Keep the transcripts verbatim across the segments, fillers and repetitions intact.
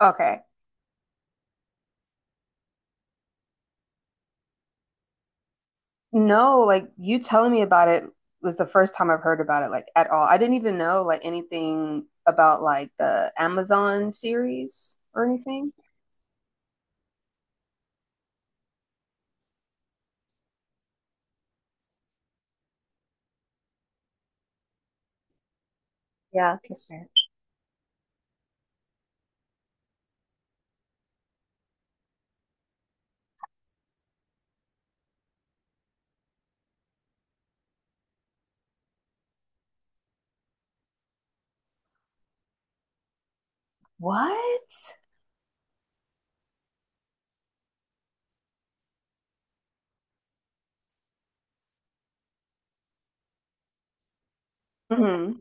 Okay. No, like you telling me about it was the first time I've heard about it like at all. I didn't even know like anything about like the Amazon series or anything. Yeah, that's fair. What? Hmm.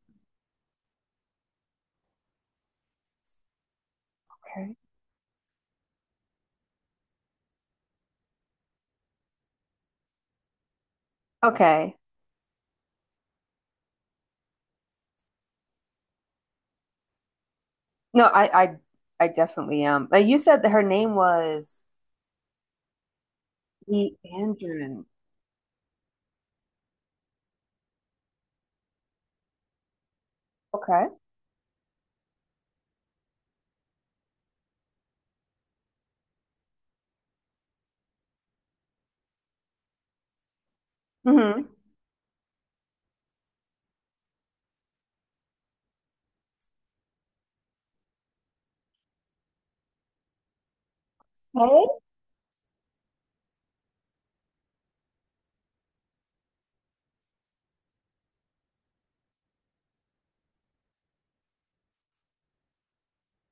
Okay. Okay. No, I I I definitely am. But you said that her name was Lee Andren. Okay. Hmm. Hey?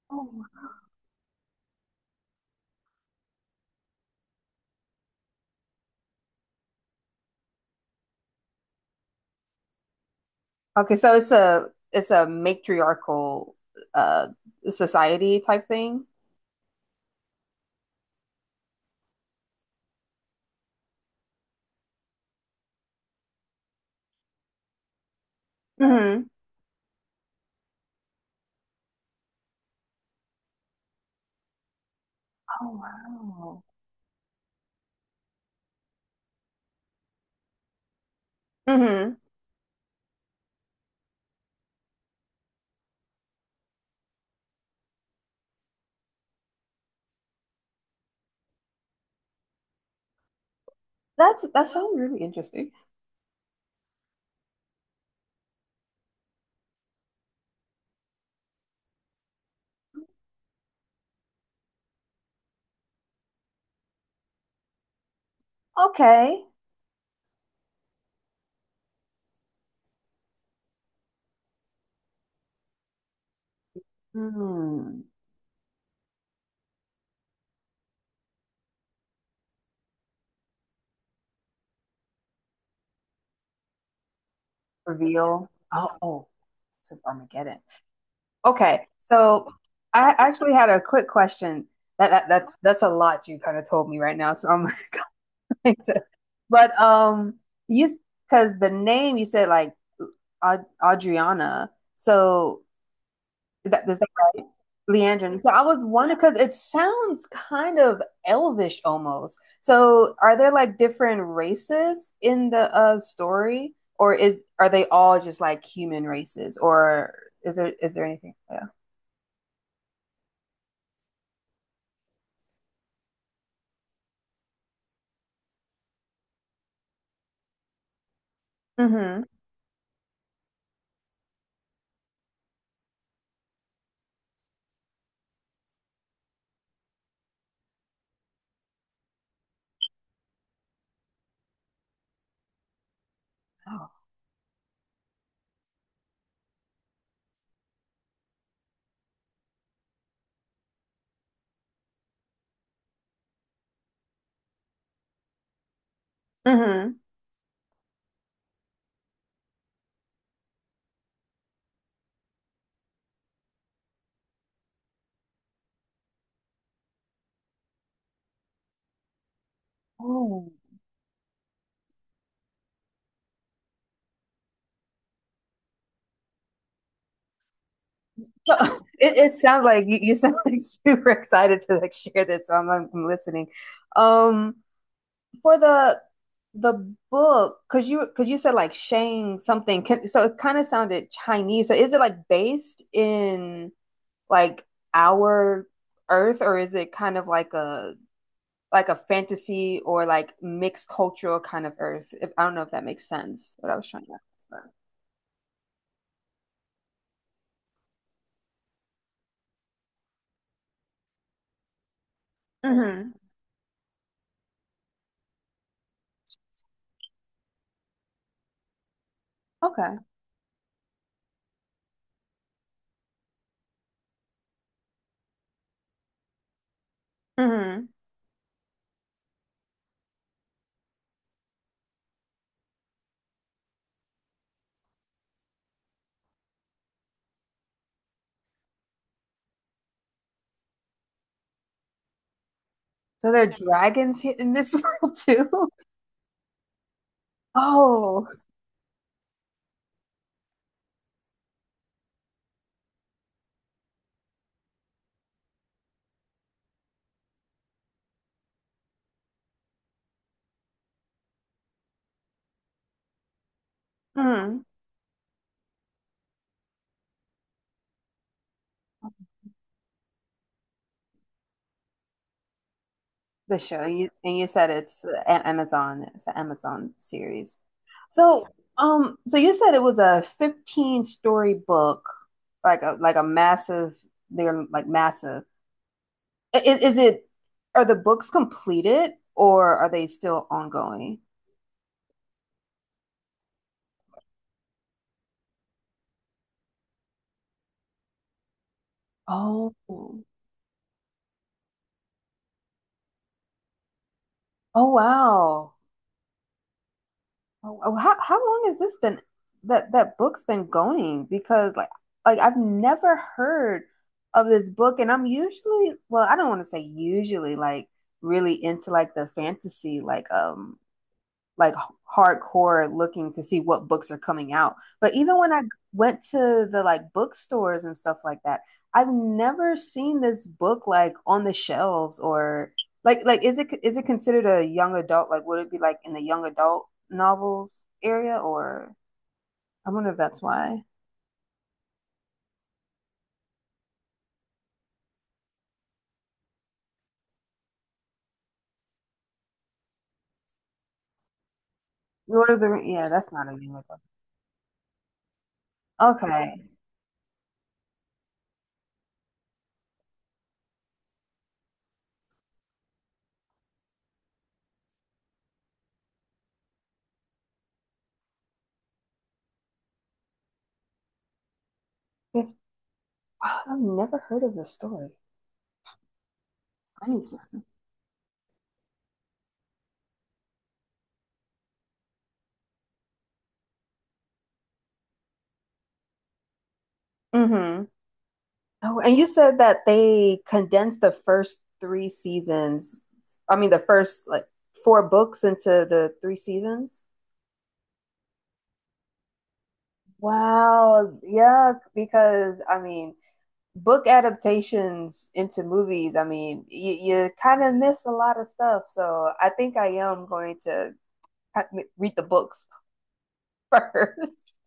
Oh. Okay, so it's a it's a matriarchal uh society type thing. Oh wow. Hmm. That's that sounds really interesting. Okay. Hmm. Reveal. Oh, oh, it's an Armageddon. Okay, so I actually had a quick question. That, that that's that's a lot you kind of told me right now. So I'm, like, to, but um, you because the name you said like Ad Adriana. So Is that, is that right? Leandrin. So I was wondering because it sounds kind of elvish almost. So are there like different races in the uh story, or is are they all just like human races, or is there is there anything? Yeah. Mm-hmm. Oh. Mm-hmm. Oh. So it, it sounds like you, you sound like super excited to like share this, so I'm, I'm listening. Um, for the the book, because you because you said like Shang something, can, so it kind of sounded Chinese. So is it like based in like our Earth, or is it kind of like a like a fantasy or like mixed cultural kind of Earth? If, I don't know if that makes sense. What I was trying to. explain. Mm-hmm. Okay. Mm-hmm. So there are dragons here in this world too. Oh. Mm. The show you and you said it's a- Amazon. It's an Amazon series. So, um, so you said it was a fifteen story book, like a like a massive. They're like massive. I- I- Is, it? Are the books completed or are they still ongoing? Oh, oh wow. Oh, oh, how how long has this been that that book's been going? Because like like I've never heard of this book, and I'm usually well, I don't want to say usually like really into like the fantasy like um like hardcore looking to see what books are coming out. But even when I went to the like bookstores and stuff like that, I've never seen this book like on the shelves or like like is it is it considered a young adult? Like would it be like in the young adult novels area or I wonder if that's why. Lord of the Ring- Yeah, that's not a young adult. Okay. Yes. Wow, I've never heard of this story. I need to. Hmm. Oh, and you said that they condensed the first three seasons. I mean, the first like four books into the three seasons. Wow, yeah, because I mean, book adaptations into movies, I mean, you, you kind of miss a lot of stuff. So I think I am going to read the books first.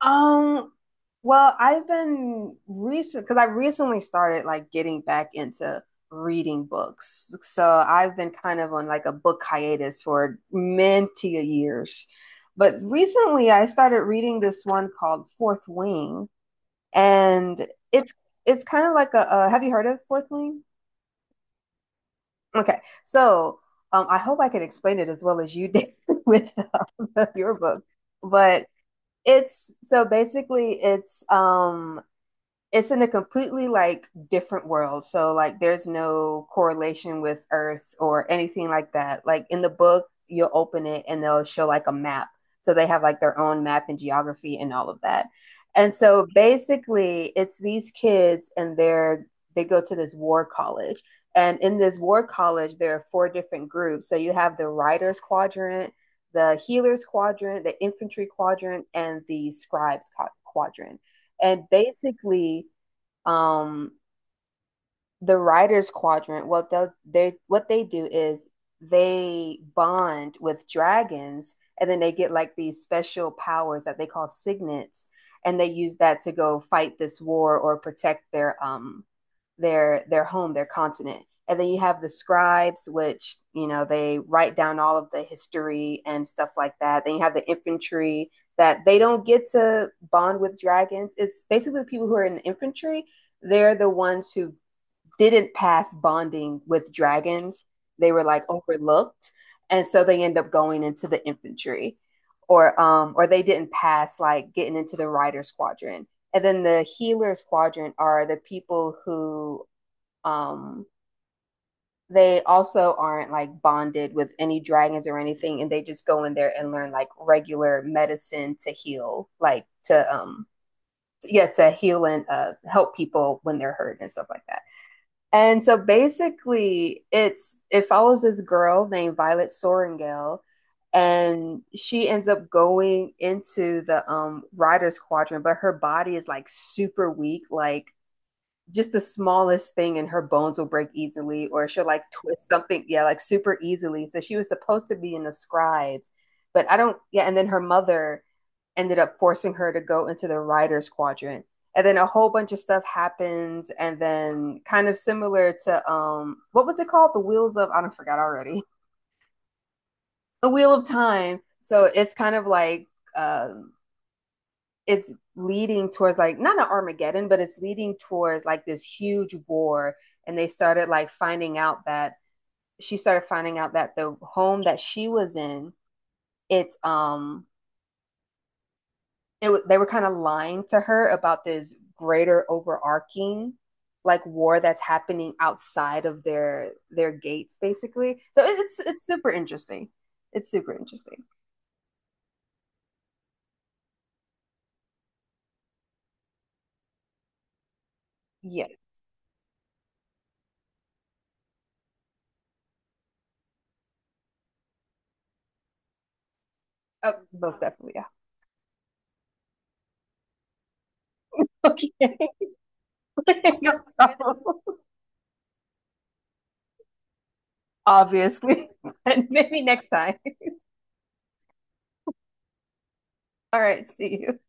Um, well, I've been recent because I recently started like getting back into reading books. So I've been kind of on like a book hiatus for many years. But recently I started reading this one called Fourth Wing, and it's it's kind of like a, uh have you heard of Fourth Wing? Okay. So um, I hope I can explain it as well as you did with uh, your book. But it's so basically it's um it's in a completely like different world. So like there's no correlation with Earth or anything like that. Like in the book, you'll open it and they'll show like a map. So they have like their own map and geography and all of that. And so basically it's these kids and they're they go to this war college. And in this war college, there are four different groups. So you have the writers quadrant, the healers quadrant, the infantry quadrant, and the scribes quadrant. And basically, um the writers quadrant what they they what they do is they bond with dragons and then they get like these special powers that they call signets and they use that to go fight this war or protect their um their their home, their continent. And then you have the scribes, which you know they write down all of the history and stuff like that. Then you have the infantry that they don't get to bond with dragons. It's basically the people who are in the infantry. They're the ones who didn't pass bonding with dragons. They were like overlooked, and so they end up going into the infantry, or um, or they didn't pass like getting into the rider squadron. And then the healers quadrant are the people who um, they also aren't like bonded with any dragons or anything, and they just go in there and learn like regular medicine to heal, like to um yeah to heal and uh, help people when they're hurt and stuff like that. And so basically, it's it follows this girl named Violet Soringale, and she ends up going into the um riders quadrant, but her body is like super weak, like just the smallest thing and her bones will break easily or she'll like twist something, yeah, like super easily. So she was supposed to be in the scribes, but I don't. Yeah. And then her mother ended up forcing her to go into the writers quadrant, and then a whole bunch of stuff happens, and then kind of similar to um what was it called, the wheels of, I don't, forgot already. The wheel of time. So it's kind of like uh, it's leading towards like not an Armageddon, but it's leading towards like this huge war. And they started like finding out that she started finding out that the home that she was in, it's um, it they were kind of lying to her about this greater overarching like war that's happening outside of their their gates, basically. So it's it's super interesting, it's super interesting. Yeah. uh, Most definitely. Yeah. Okay. No problem. Obviously. But maybe next time. All right, see you.